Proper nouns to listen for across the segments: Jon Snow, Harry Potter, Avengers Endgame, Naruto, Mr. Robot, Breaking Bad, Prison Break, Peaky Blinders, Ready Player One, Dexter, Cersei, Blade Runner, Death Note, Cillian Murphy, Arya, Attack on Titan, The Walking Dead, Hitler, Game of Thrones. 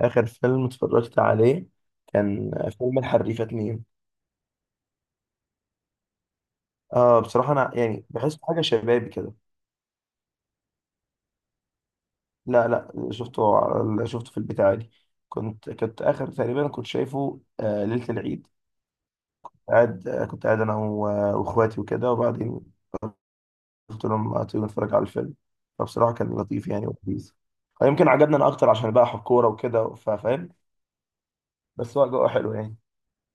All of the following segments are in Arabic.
آخر فيلم اتفرجت عليه كان فيلم الحريفة اتنين. آه، بصراحة أنا يعني بحس حاجة شبابي كده. لا لا، شفته في البيت عادي. كنت آخر تقريبا كنت شايفه ليلة العيد، قاعد، كنت قاعد أنا وإخواتي وكده، وبعدين قلت لهم: ما تيجوا نتفرج على الفيلم؟ فبصراحة كان لطيف يعني، ولذيذ. يمكن عجبنا أنا أكتر عشان بقى حب كورة وكده، فاهم؟ بس هو جو حلو يعني.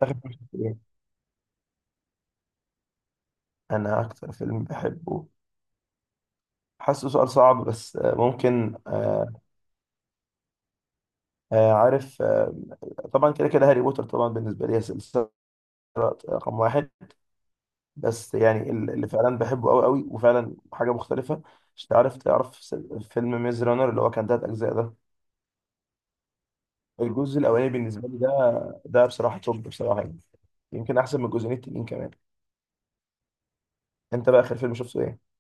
آخر فيلم شفته إيه؟ أنا أكتر فيلم بحبه، حاسه سؤال صعب، بس آه، ممكن آه، آه، عارف آه، طبعا كده كده هاري بوتر طبعا بالنسبه لي هي سلسله رقم واحد. بس يعني اللي فعلا بحبه قوي قوي وفعلا حاجه مختلفه، مش تعرف فيلم ميز رانر اللي هو كان تلات اجزاء ده؟ الجزء الاولاني بالنسبه لي ده، ده بصراحه توب بصراحه يعني. يمكن احسن من الجزئين التانيين كمان. انت بقى اخر فيلم شفته ايه؟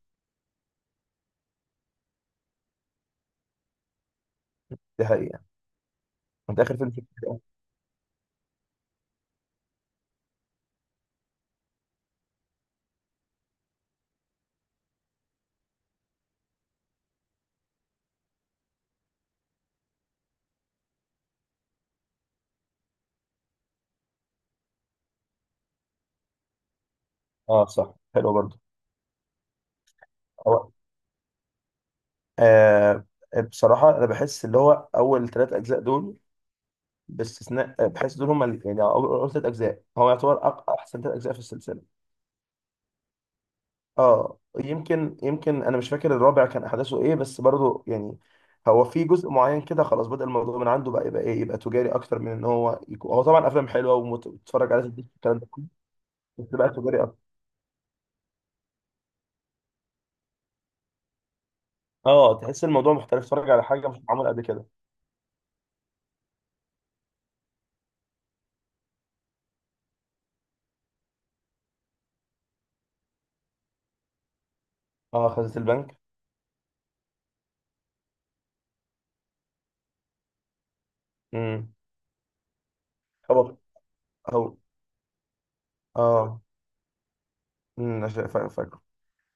دي حقيقه يعني. انت اخر فيلم شفته ايه؟ اه صح، حلو برضه. هو آه بصراحه انا بحس اللي هو اول ثلاث اجزاء دول باستثناء، بحيث دول هم يعني أول ثلاث اجزاء هو يعتبر احسن ثلاث اجزاء في السلسله. اه، يمكن انا مش فاكر الرابع كان احداثه ايه، بس برضو يعني هو في جزء معين كده خلاص بدأ الموضوع من عنده، بقى يبقى ايه، يبقى تجاري اكتر من ان هو يكون. هو طبعا افلام حلوه وتتفرج عليها تديك الكلام ده كله، بس بقى تجاري اكتر. اه، تحس الموضوع مختلف، تتفرج على حاجه مش معموله قبل كده. اه، خزنة البنك. امم. هو هو اه امم.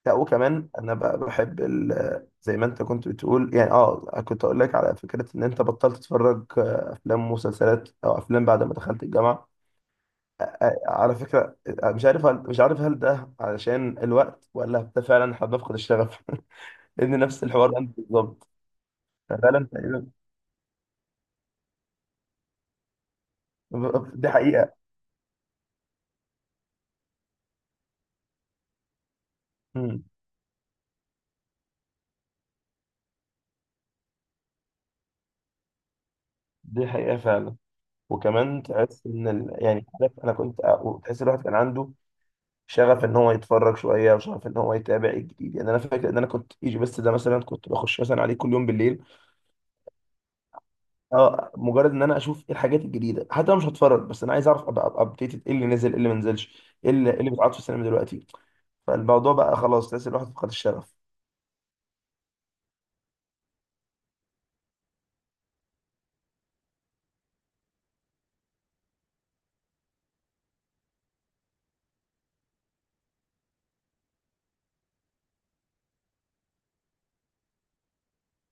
لا، وكمان انا بقى بحب زي ما انت كنت بتقول يعني. اه، كنت اقول لك على فكره ان انت بطلت تتفرج افلام ومسلسلات او افلام بعد ما دخلت الجامعه. على فكره مش عارف هل ده علشان الوقت، ولا ده فعلا احنا بنفقد الشغف؟ لان نفس الحوار ده بالظبط، فعلا تقريبا. دي حقيقه. مم. دي حقيقه فعلا. وكمان تحس ان ال... يعني عارف انا كنت تحس الواحد كان عنده شغف ان هو يتفرج شويه، وشغف ان هو يتابع الجديد. يعني انا فاكر ان انا كنت ايجي بس ده مثلا، كنت بخش مثلا عليه كل يوم بالليل. اه، مجرد ان انا اشوف ايه الحاجات الجديده، حتى لو مش هتفرج، بس انا عايز اعرف ابقى ابديتد ايه اللي نزل، ايه اللي ما نزلش، ايه اللي إيه اللي بيتعرض في السينما دلوقتي. فالموضوع بقى خلاص، تحس الواحد فقد الشغف.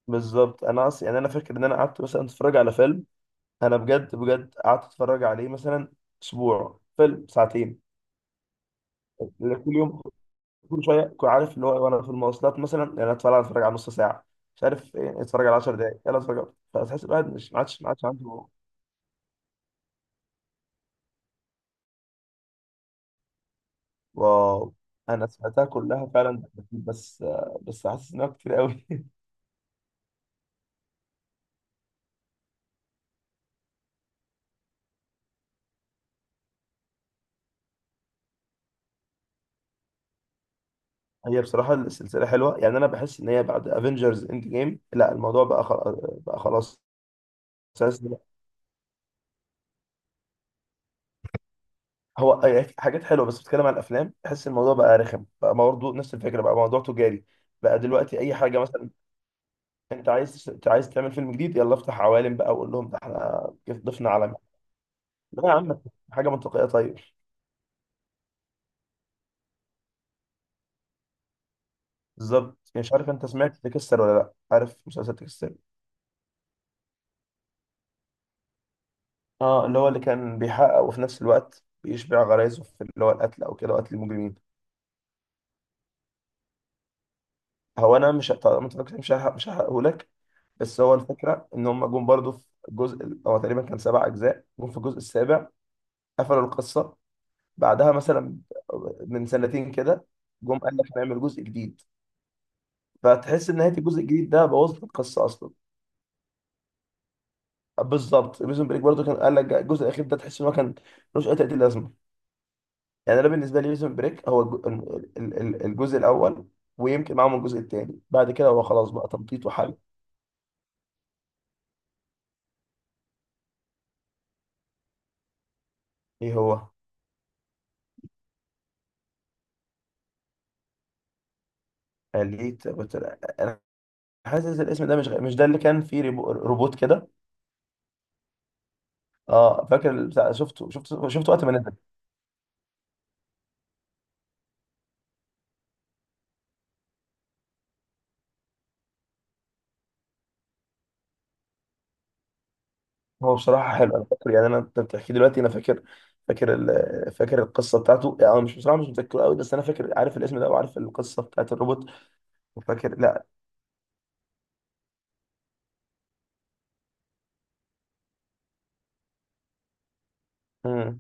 بالظبط. انا اصلا يعني انا فاكر ان انا قعدت مثلا اتفرج على فيلم، انا بجد بجد قعدت اتفرج عليه مثلا اسبوع، فيلم ساعتين، كل يوم، كل شويه. كنت عارف اللي هو إيه، وانا في المواصلات مثلا، يعني أنا اتفرج على نص ساعه، مش عارف ايه، اتفرج على 10 دقائق، يلا اتفرج. فتحس الواحد مش، ما عادش عنده. واو. انا سمعتها كلها فعلا، بس بس حاسس انها كتير قوي. هي بصراحه السلسله حلوه يعني. انا بحس ان هي بعد افنجرز اند جيم لا، الموضوع بقى خلاص. بقى خلاص حاسس إن هو يعني في حاجات حلوه، بس بتتكلم عن الافلام بحس الموضوع بقى رخم بقى، برضه نفس الفكره، بقى موضوع تجاري. بقى دلوقتي اي حاجه مثلا، انت عايز تعمل فيلم جديد يلا افتح عوالم بقى، وقول لهم ده احنا كيف ضفنا عالم. لا يا عم، حاجه منطقيه طيب. بالظبط. مش عارف انت سمعت تكسر ولا لا، عارف مسلسل تكسر؟ اه، اللي هو اللي كان بيحقق، وفي نفس الوقت بيشبع غرايزه في اللي هو القتل، او كده قتل المجرمين. هو انا مش، طبعا ما اتفرجتش، مش هحرق مش هحرقه لك. بس هو الفكره ان هم جم برضه في هو تقريبا كان سبع اجزاء، جم في الجزء السابع قفلوا القصه، بعدها مثلا من سنتين كده جم قال لك نعمل جزء جديد. فتحس ان نهايه الجزء الجديد ده بوظت القصه اصلا. بالظبط. بريزون بريك برضه كان قال لك الجزء الاخير ده، تحس ان هو كان ملوش اي تأتي لازمه. يعني انا بالنسبه لي بريزون بريك هو الجزء الاول، ويمكن معاهم الجزء الثاني، بعد كده هو خلاص بقى تمطيط وحل. ايه هو؟ اليت، قلت لأ. انا حاسس الاسم ده مش مش ده اللي كان فيه روبوت كده؟ اه فاكر بتاع، شفته وقت ما نزل. هو بصراحة حلو. أنا فاكر يعني، أنت بتحكي دلوقتي أنا فاكر، فاكر ال... فاكر القصة بتاعته. يعني أنا مش بصراحة مش متذكره قوي، بس أنا فاكر، عارف الاسم ده وعارف القصة بتاعت الروبوت وفاكر. لا. مم.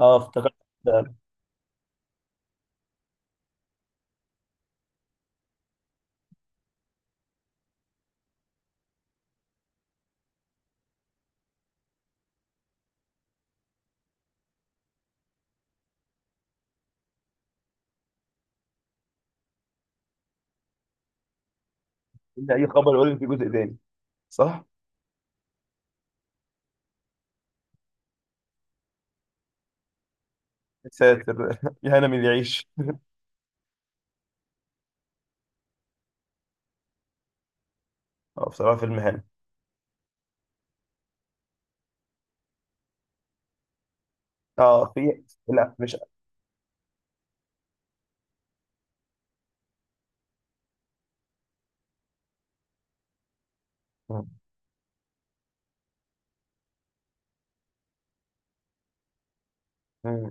أه، افتكرت ده. إن أي خبر يقول إن في جزء تاني، صح؟ يا ساتر، يا هنا من اللي يعيش. أه بصراحة فيلم هنا. أه، في، لا مش. مم.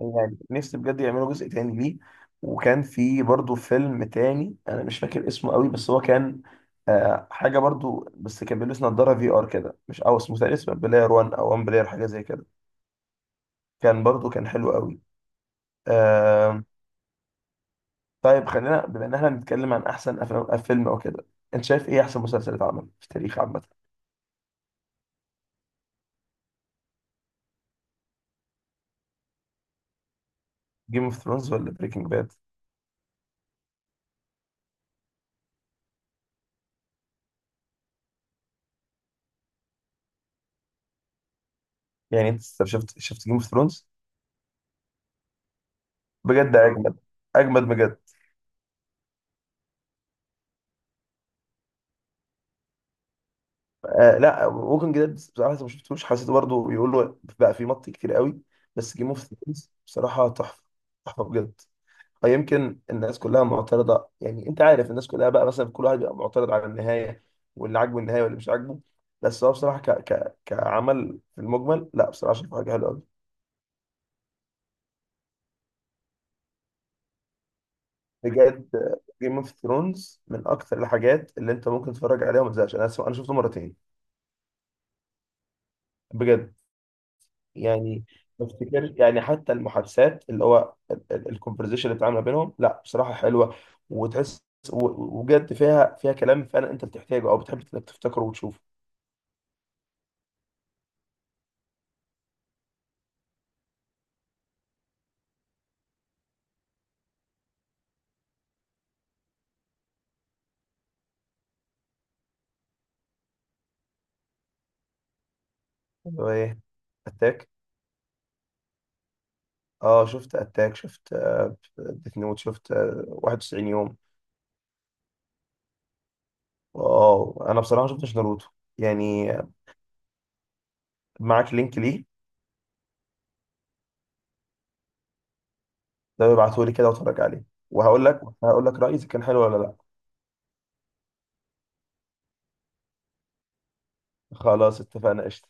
يعني نفسي بجد يعملوا جزء تاني ليه. وكان في برضو فيلم تاني انا مش فاكر اسمه قوي، بس هو كان آه حاجه برضو، بس كان بيلبس نظاره في ار كده، مش، او اسمه تقريبا اسمه بلاير 1، او 1 بلاير، حاجه زي كده. كان برضو كان حلو قوي. آه. طيب، خلينا بما ان احنا بنتكلم عن احسن افلام، فيلم او كده، انت شايف ايه احسن مسلسل اتعمل في التاريخ عامه؟ جيم اوف ثرونز ولا بريكنج باد؟ يعني انت شفت جيم اوف ثرونز؟ بجد اه، اجمد، اجمد بجد. آه لا، ووكينج ديد بصراحه لسه ما شفتوش، حسيته برضه بيقولوا بقى في مط كتير قوي. بس جيم اوف ثرونز بصراحه تحفه، تحفه بجد. أو يمكن الناس كلها معترضه، يعني انت عارف الناس كلها بقى مثلا كل واحد بيبقى معترض على النهايه، واللي عاجبه النهايه واللي مش عاجبه. بس هو بصراحه كعمل في المجمل، لا بصراحه شايفه حاجه حلوه قوي. بجد، جيم اوف ثرونز من اكثر الحاجات اللي انت ممكن تتفرج عليها وما تزهقش. انا شفته مرتين بجد. يعني ما افتكرش يعني، حتى المحادثات اللي هو الكونفرزيشن اللي بتتعامل ما بينهم، لا بصراحه حلوه، وتحس وجد فيها، فيها كلام فعلا انت بتحتاجه او بتحب انك تفتكره وتشوفه. هو ايه، اتاك؟ اه شفت اتاك، شفت ديث نوت، شفت 91 يوم. اه انا بصراحه ما شفتش ناروتو يعني. معاك لينك ليه؟ ده ابعته لي كده واتفرج عليه، وهقول لك هقول لك رايي اذا كان حلو ولا لا. خلاص اتفقنا، قشطه.